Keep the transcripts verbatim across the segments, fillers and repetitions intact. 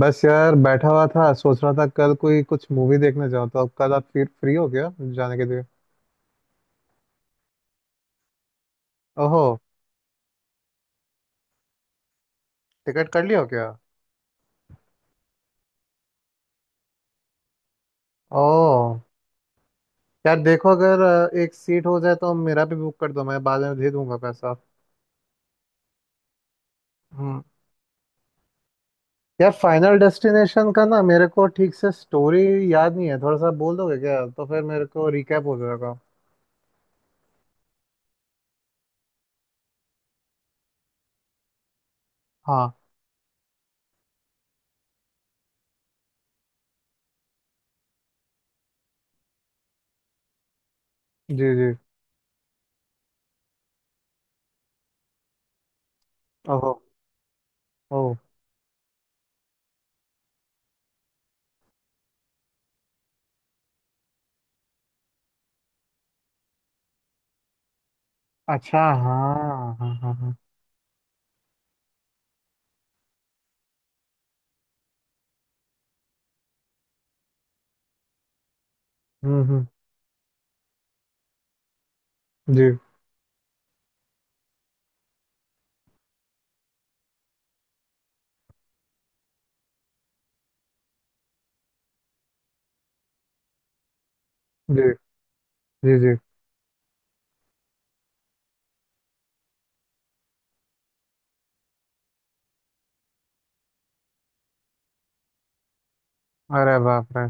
बस यार, बैठा हुआ था सोच रहा था कल कोई कुछ मूवी देखने जाऊँ। तो अब कल आप फिर फ्री हो क्या जाने के लिए? ओहो। टिकट कर लिया हो क्या? ओह। यार देखो अगर अ, एक सीट हो जाए तो मेरा भी बुक कर दो, मैं बाद में दे दूंगा पैसा। हम्म। यार, फाइनल डेस्टिनेशन का ना, मेरे को ठीक से स्टोरी याद नहीं है। थोड़ा सा बोल दोगे क्या? तो फिर मेरे को रिकैप हो जाएगा। हाँ। जी जी। ओहो। ओह। अच्छा, हाँ हाँ हाँ हाँ। हम्म हम्म। जी जी जी जी। अरे बाप रे!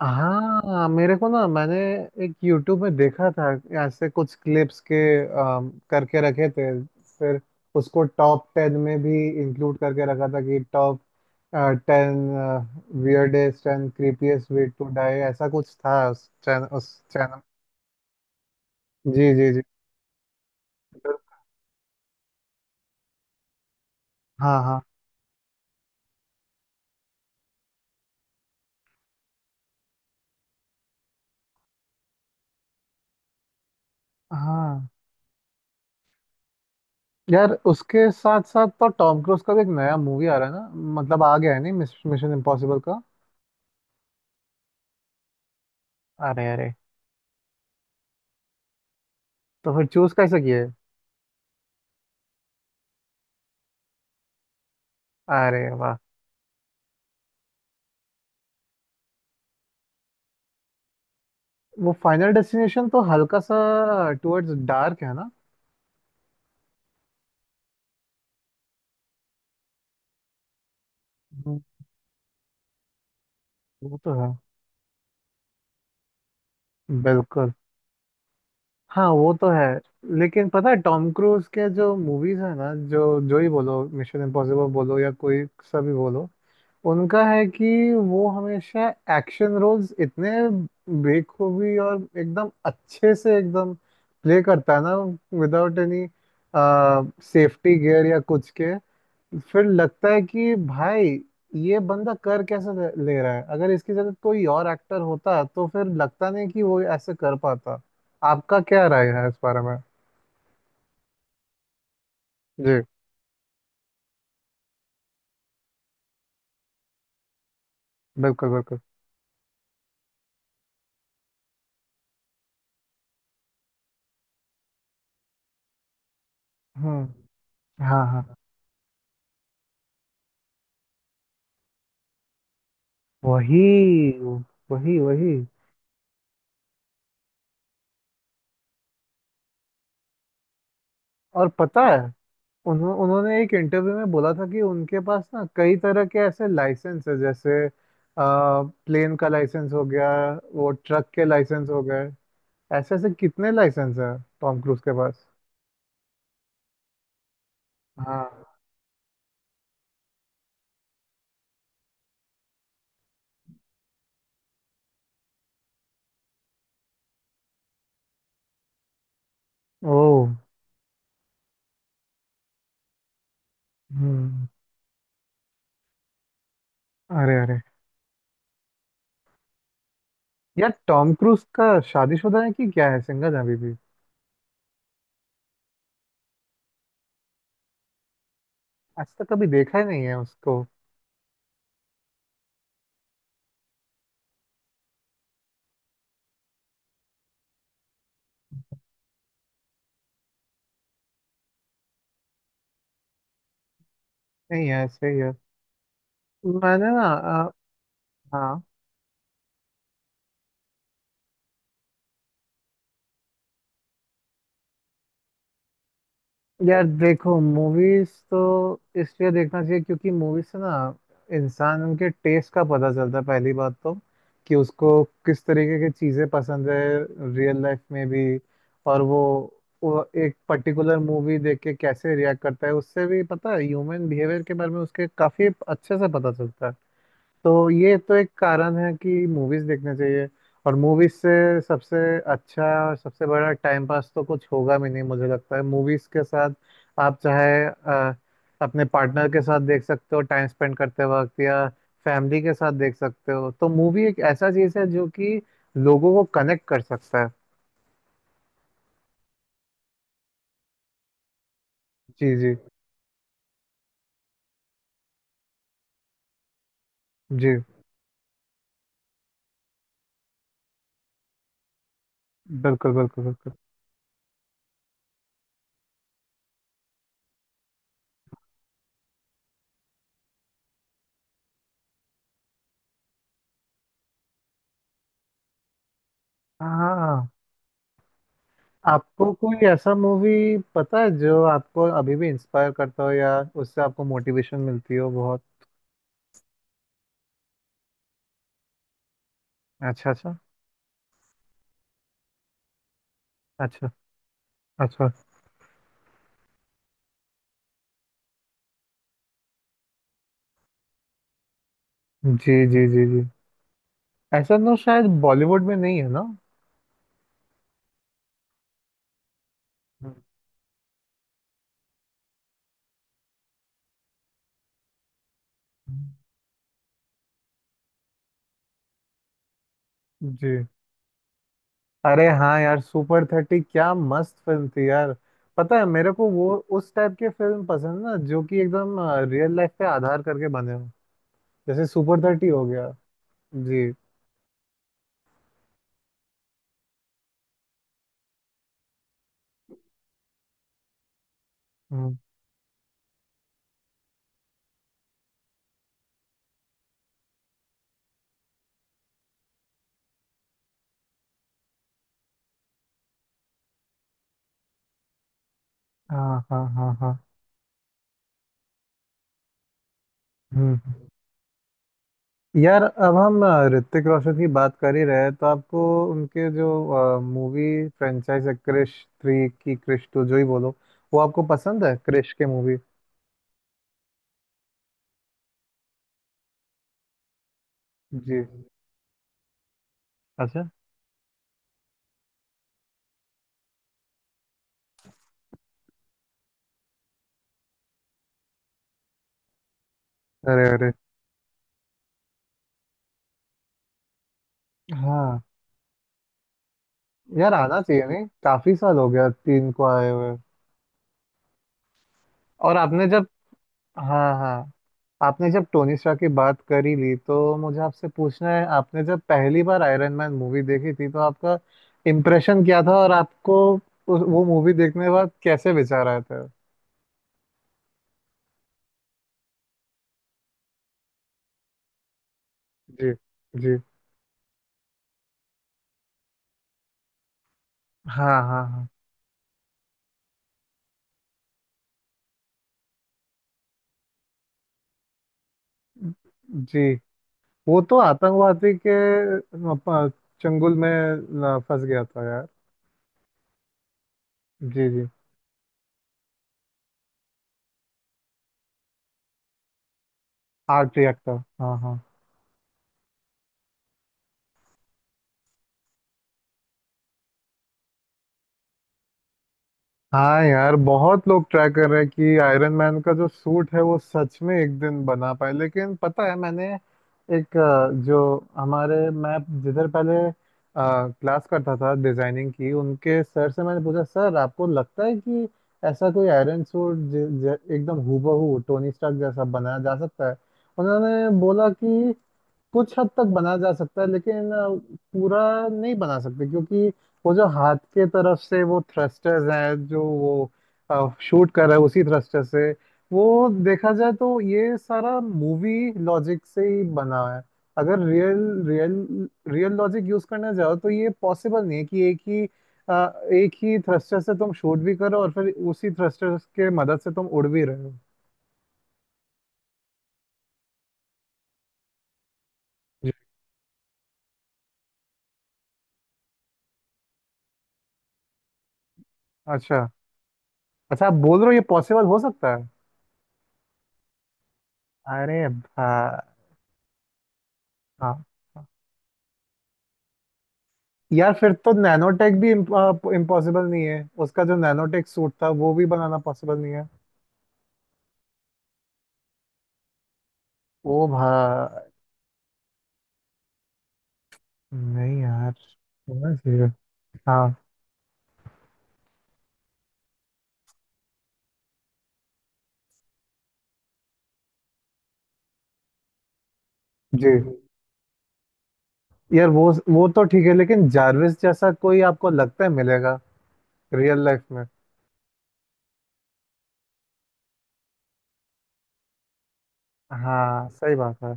हाँ, मेरे को ना, मैंने एक YouTube में देखा था ऐसे कुछ क्लिप्स के, अम, करके रखे थे फिर। उसको टॉप टेन में भी इंक्लूड करके रखा था कि top ten weirdest and creepiest way to die, ऐसा कुछ था उस चैनल उस चैनल। जी जी जी। हाँ हाँ। हाँ यार, उसके साथ साथ तो टॉम क्रूज का भी एक नया मूवी आ रहा है ना। मतलब आ गया है, नहीं? मिशन इम्पॉसिबल का। अरे अरे। तो फिर चूज कैसे किए? अरे वाह। वो फाइनल डेस्टिनेशन तो हल्का सा टुवर्ड्स डार्क है ना। हम्म। वो तो है। बिल्कुल। हाँ वो तो है। लेकिन पता है, टॉम क्रूज के जो मूवीज है ना, जो जो ही बोलो, मिशन इम्पॉसिबल बोलो या कोई सा भी बोलो, उनका है कि वो हमेशा एक्शन रोल्स इतने बेखूबी और एकदम अच्छे से एकदम प्ले करता है ना, विदाउट एनी सेफ्टी गियर या कुछ के। फिर लगता है कि भाई ये बंदा कर कैसे ले ले रहा है, अगर इसकी जगह कोई और एक्टर होता तो फिर लगता नहीं कि वो ऐसे कर पाता। आपका क्या राय है इस बारे में? जी। बिल्कुल बिल्कुल। हम्म। हाँ हाँ। वही वही वही। और पता है, उन्हों, उन्होंने एक इंटरव्यू में बोला था कि उनके पास ना कई तरह के ऐसे लाइसेंस है, जैसे प्लेन का लाइसेंस हो गया, वो ट्रक के लाइसेंस हो गए। ऐसे ऐसे कितने लाइसेंस है टॉम क्रूज के पास। हाँ। ओ। हम्म। अरे अरे। यार टॉम क्रूज का शादीशुदा है कि क्या है? सिंगल है अभी भी? आज तक कभी देखा ही नहीं है उसको। नहीं, है सही है। मैंने ना, अ, हाँ। यार देखो, मूवीज तो इसलिए देखना चाहिए क्योंकि मूवीज से ना इंसान के टेस्ट का पता चलता है, पहली बात तो, कि उसको किस तरीके की चीज़ें पसंद है, रियल लाइफ में भी। और वो वो एक पर्टिकुलर मूवी देख के कैसे रिएक्ट करता है उससे भी पता है, ह्यूमन बिहेवियर के बारे में उसके काफ़ी अच्छे से पता चलता है। तो ये तो एक कारण है कि मूवीज देखने चाहिए। और मूवीज से सबसे अच्छा और सबसे बड़ा टाइम पास तो कुछ होगा भी नहीं मुझे लगता है, मूवीज के साथ। आप चाहे अ, अपने पार्टनर के साथ देख सकते हो टाइम स्पेंड करते वक्त, या फैमिली के साथ देख सकते हो। तो मूवी एक ऐसा चीज है जो कि लोगों को कनेक्ट कर सकता है। जी जी जी। बिल्कुल बिल्कुल बिल्कुल। हाँ। आपको कोई ऐसा मूवी पता है जो आपको अभी भी इंस्पायर करता हो या उससे आपको मोटिवेशन मिलती हो बहुत? अच्छा अच्छा। अच्छा अच्छा। जी जी जी जी। ऐसा तो शायद बॉलीवुड में नहीं है ना। हम्म। जी। अरे हाँ यार, सुपर थर्टी क्या मस्त फिल्म थी यार। पता है, मेरे को वो उस टाइप के फिल्म पसंद है ना जो कि एकदम रियल लाइफ पे आधार करके बने हो। जैसे सुपर थर्टी हो गया। जी। हम्म। हाँ हाँ हाँ हाँ। हम्म हम्म। यार अब हम अ, ऋतिक रोशन की बात कर ही रहे हैं तो आपको उनके जो मूवी फ्रेंचाइज है, क्रिश थ्री की क्रिश टू जो ही बोलो, वो आपको पसंद है क्रिश के मूवी? जी। अच्छा। अरे अरे। हाँ यार आना चाहिए, नहीं? काफी साल हो गया तीन को आए हुए। और आपने जब हाँ हाँ। आपने जब टोनी स्टार्क की बात कर ही ली तो मुझे आपसे पूछना है, आपने जब पहली बार आयरन मैन मूवी देखी थी तो आपका इम्प्रेशन क्या था और आपको उस- वो मूवी देखने के बाद कैसे विचार आया था? जी जी। हाँ हाँ हाँ। जी। वो तो आतंकवादी के अ, प- चंगुल में अ, फंस गया था यार। जी जी। Arc reactor. हाँ हाँ। हाँ यार, बहुत लोग ट्राई कर रहे हैं कि आयरन मैन का जो सूट है वो सच में एक दिन बना पाए। लेकिन पता है, मैंने एक अ, जो हमारे मैं जिधर पहले क्लास करता था डिजाइनिंग की, उनके सर से मैंने पूछा, सर आपको लगता है कि ऐसा कोई आयरन सूट ज- ज- एकदम हूबहू टोनी स्टार्क जैसा बनाया जा सकता है? उन्होंने बोला कि कुछ हद तक बना जा सकता है लेकिन अ, पूरा नहीं बना सकते क्योंकि वो जो हाथ के तरफ से वो थ्रस्टर्स हैं जो वो शूट कर रहा है उसी थ्रस्टर से वो, देखा जाए तो ये सारा मूवी लॉजिक से ही बना है। अगर real real real logic use करना चाहो तो ये पॉसिबल नहीं है कि एक ही अ, एक ही थ्रस्टर से तुम शूट भी करो और फिर उसी थ्रस्टर के मदद से तुम उड़ भी रहे हो। जी। अच्छा। अच्छा आप बोल रहे हो ये पॉसिबल हो सकता है? अरे। हाँ हाँ। यार फिर तो नैनोटेक भी इम्पॉसिबल नहीं है, उसका जो नैनोटेक सूट था वो भी बनाना पॉसिबल नहीं है? ओ भाई। नहीं यार, होना चाहिए। हाँ। जी। यार वो वो तो ठीक है लेकिन जारविस जैसा कोई आपको लगता है मिलेगा रियल लाइफ में? हाँ सही बात है।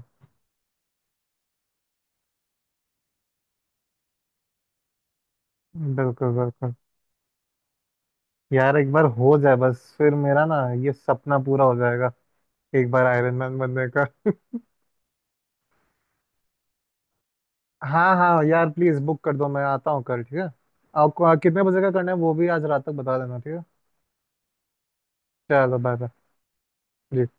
बिल्कुल बिल्कुल। यार एक बार हो जाए बस, फिर मेरा ना ये सपना पूरा हो जाएगा, एक बार आयरन मैन बनने का। हाँ हाँ यार प्लीज बुक कर दो, मैं आता हूँ कल, ठीक है? आपको आ, कितने बजे का करना है वो भी आज रात तक बता देना, ठीक है? चलो बाय। बाय।